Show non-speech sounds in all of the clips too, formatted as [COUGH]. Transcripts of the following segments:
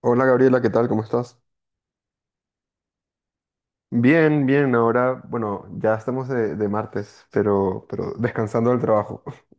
Hola Gabriela, ¿qué tal? ¿Cómo estás? Bien, bien, ahora, bueno, ya estamos de martes, pero descansando del trabajo. [LAUGHS]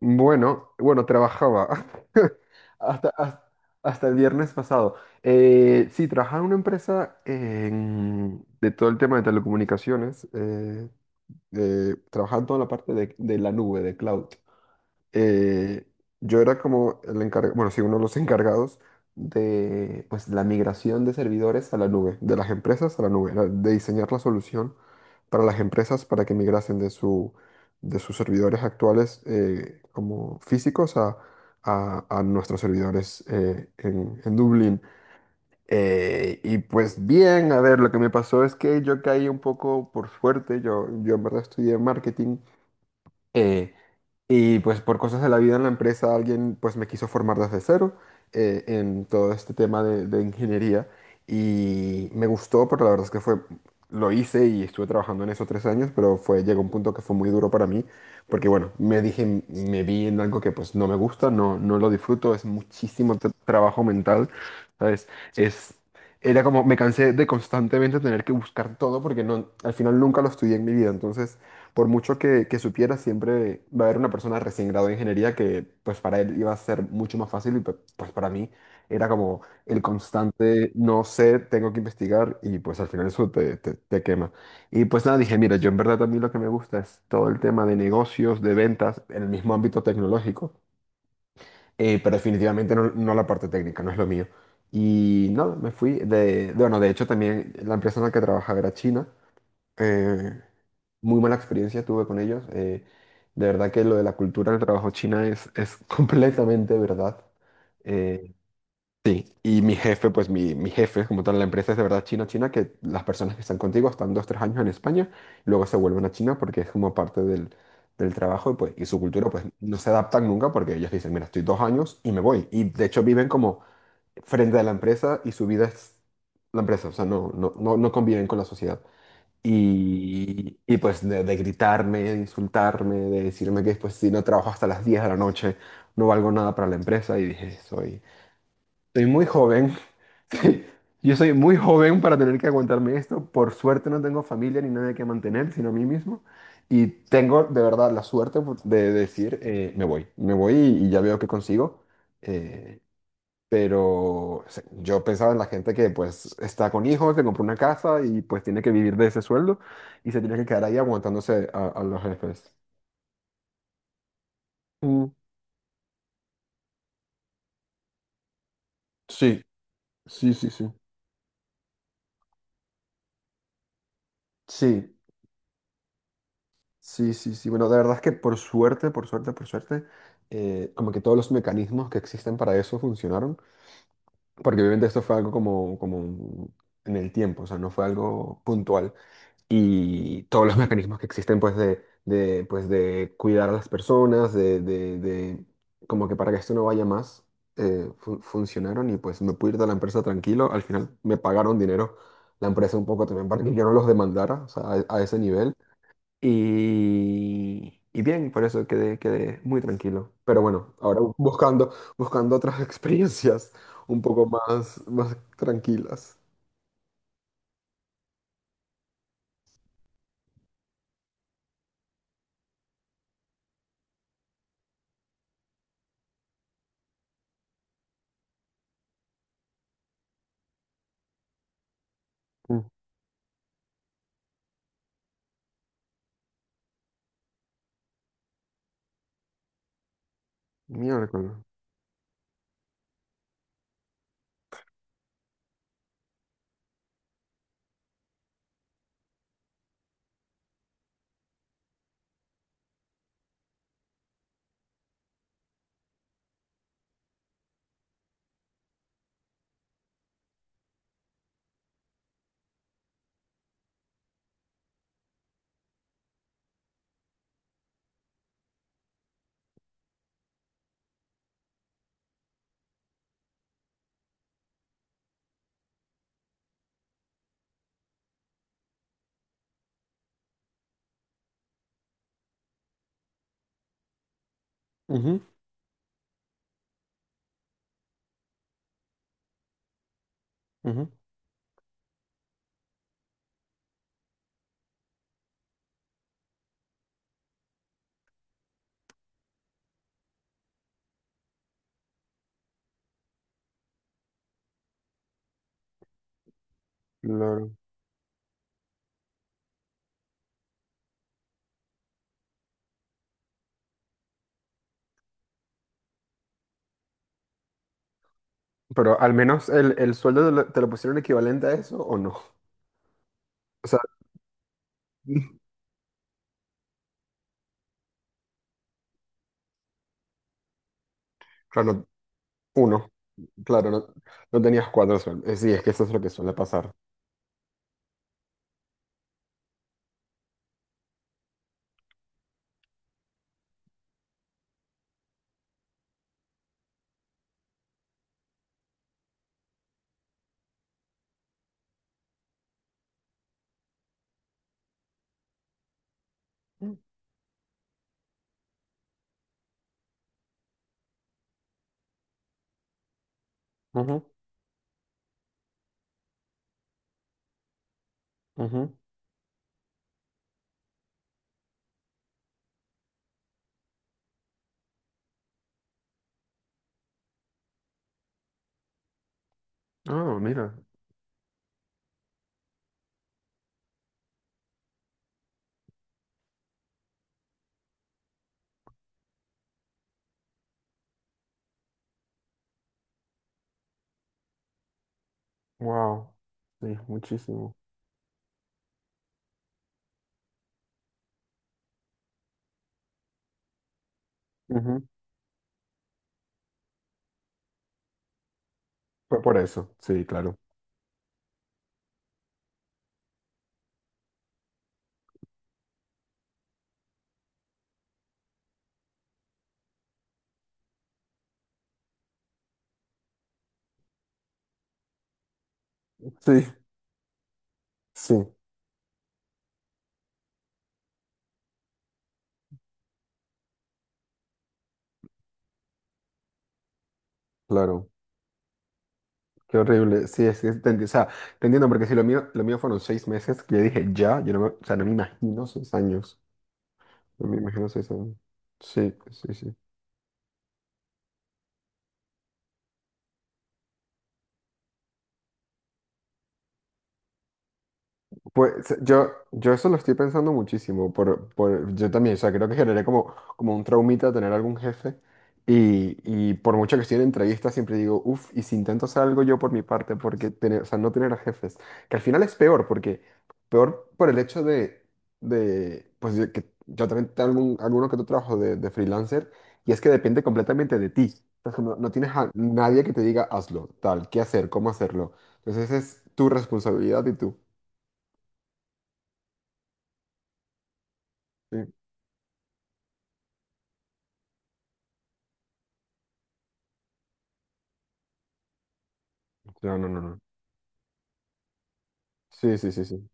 Bueno, trabajaba [LAUGHS] hasta, hasta, hasta el viernes pasado. Sí, trabajaba en una empresa de todo el tema de telecomunicaciones, trabajaba en toda la parte de la nube, de cloud. eh, yo era como el encargado, bueno, sí, uno de los encargados de pues, la migración de servidores a la nube, de las empresas a la nube, era de diseñar la solución para las empresas para que migrasen de sus servidores actuales como físicos a, a nuestros servidores en Dublín. Y pues bien, a ver, lo que me pasó es que yo caí un poco por suerte, yo en verdad estudié marketing eh, y pues por cosas de la vida en la empresa alguien pues me quiso formar desde cero, en todo este tema de ingeniería y me gustó, pero la verdad es lo hice y estuve trabajando en eso tres años, pero llegó un punto que fue muy duro para mí porque bueno, me dije, me vi en algo que pues no me gusta, no, no lo disfruto, es muchísimo trabajo mental, ¿sabes? Es... Era como, me cansé de constantemente tener que buscar todo porque no, al final nunca lo estudié en mi vida, entonces por mucho que supiera, siempre va a haber una persona recién graduada de ingeniería que pues para él iba a ser mucho más fácil y pues para mí era como el constante, no sé, tengo que investigar y pues al final eso te quema. Y pues nada, dije, mira, yo en verdad a mí lo que me gusta es todo el tema de negocios, de ventas, en el mismo ámbito tecnológico, pero definitivamente no, no la parte técnica, no es lo mío. Y nada, me fui bueno, de hecho también la empresa en la que trabajaba era china. Eh, Muy mala experiencia tuve con ellos. De verdad que lo de la cultura del trabajo china es [LAUGHS] completamente verdad. Eh, sí, y mi jefe, pues mi jefe, como tal, la empresa es de verdad china, china, que las personas que están contigo están dos, tres años en España y luego se vuelven a China porque es como parte del trabajo y, pues, y su cultura, pues no se adaptan nunca porque ellos dicen, mira, estoy dos años y me voy. Y de hecho viven como frente a la empresa y su vida es la empresa, o sea, no conviven con la sociedad. Y pues de gritarme, de insultarme, de decirme que pues si no trabajo hasta las 10 de la noche, no valgo nada para la empresa. Y dije, soy muy joven. [LAUGHS] Yo soy muy joven para tener que aguantarme esto. Por suerte no tengo familia ni nadie que mantener, sino a mí mismo. Y tengo de verdad la suerte pues, de decir, me voy, y ya veo qué consigo. Eh, pero o sea, yo pensaba en la gente que pues está con hijos, se compró una casa y pues tiene que vivir de ese sueldo y se tiene que quedar ahí aguantándose a los jefes. Mm, sí, sí, sí, sí. Sí, sí, sí, sí. Bueno, de verdad es que por suerte, como que todos los mecanismos que existen para eso funcionaron. Porque obviamente esto fue algo como, como en el tiempo, o sea, no fue algo puntual. Y todos los [LAUGHS] mecanismos que existen pues pues, de cuidar a las personas, como que para que esto no vaya más, funcionaron y pues me pude ir de la empresa tranquilo, al final me pagaron dinero la empresa un poco también para que yo no los demandara, o sea, a ese nivel. Y bien, por eso quedé muy tranquilo. Pero bueno, ahora buscando otras [LAUGHS] experiencias un poco más, más tranquilas. Mm, Miércoles. Ujú, ujú, claro. Pero al menos el sueldo te lo pusieron equivalente a eso o no. O sea, [LAUGHS] claro, uno. Claro, no, no tenías cuatro sueldos. Sí, es que eso es lo que suele pasar. Mm, ujú, ujú. Ah, mira. Wow. Sí, muchísimo. Fue por eso, sí, claro. Sí, sí, claro. Qué horrible. Sí, es que, o sea, te entiendo, porque si lo mío, lo mío fueron seis meses, que yo dije ya, yo no me, o sea, no me imagino seis años. No me imagino seis años. Sí, sí, sí. Pues yo eso lo estoy pensando muchísimo, yo también, o sea, creo que generé como, como un traumita tener algún jefe y por mucho que estoy en entrevistas siempre digo, uff, y si intento hacer algo yo por mi parte, porque tener, o sea, no tener a jefes, que al final es peor, porque peor por el hecho de pues de que yo también tengo algún, alguno que otro trabajo de freelancer y es que depende completamente de ti. Entonces, como no tienes a nadie que te diga hazlo, tal, qué hacer, cómo hacerlo, entonces es tu responsabilidad y tú. Sí. No, no, no, no. Sí, sí, sí, sí.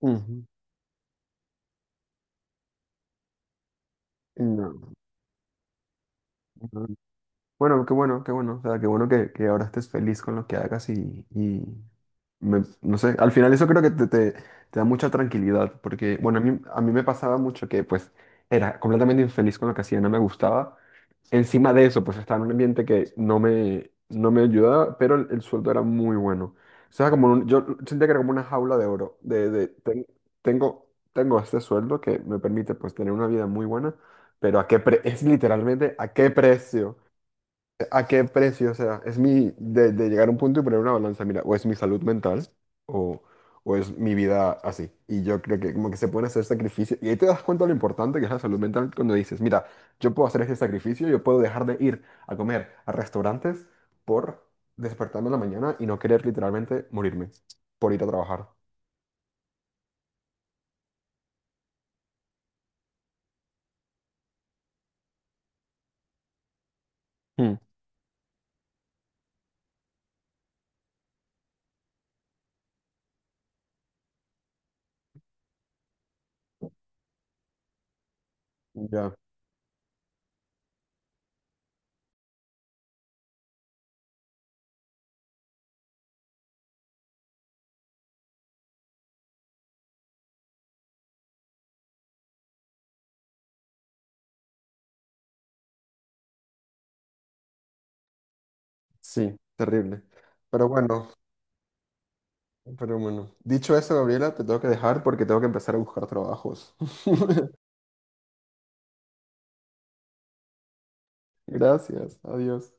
Ujú. No, no. Bueno, qué bueno, qué bueno. O sea, qué bueno que ahora estés feliz con lo que hagas y no sé, al final eso creo que te da mucha tranquilidad, porque, bueno, a mí me pasaba mucho que pues era completamente infeliz con lo que hacía, no me gustaba. Encima de eso, pues estaba en un ambiente que no me ayudaba, pero el sueldo era muy bueno. O sea, como un- yo sentía que era como una jaula de oro, tengo este sueldo que me permite pues tener una vida muy buena, pero ¿a qué es literalmente a qué precio? ¿A qué precio? O sea, es mi, de llegar a un punto y poner una balanza, mira, o es mi salud mental o, o es mi vida así. Y yo creo que como que se pueden hacer sacrificios. Y ahí te das cuenta lo importante que es la salud mental cuando dices, mira, yo puedo hacer este sacrificio, yo puedo dejar de ir a comer a restaurantes por despertarme en la mañana y no querer literalmente morirme por ir a trabajar. Hmm. Ya, sí, terrible. Pero bueno, pero bueno. Dicho eso, Gabriela, te tengo que dejar porque tengo que empezar a buscar trabajos. [LAUGHS] Gracias, adiós.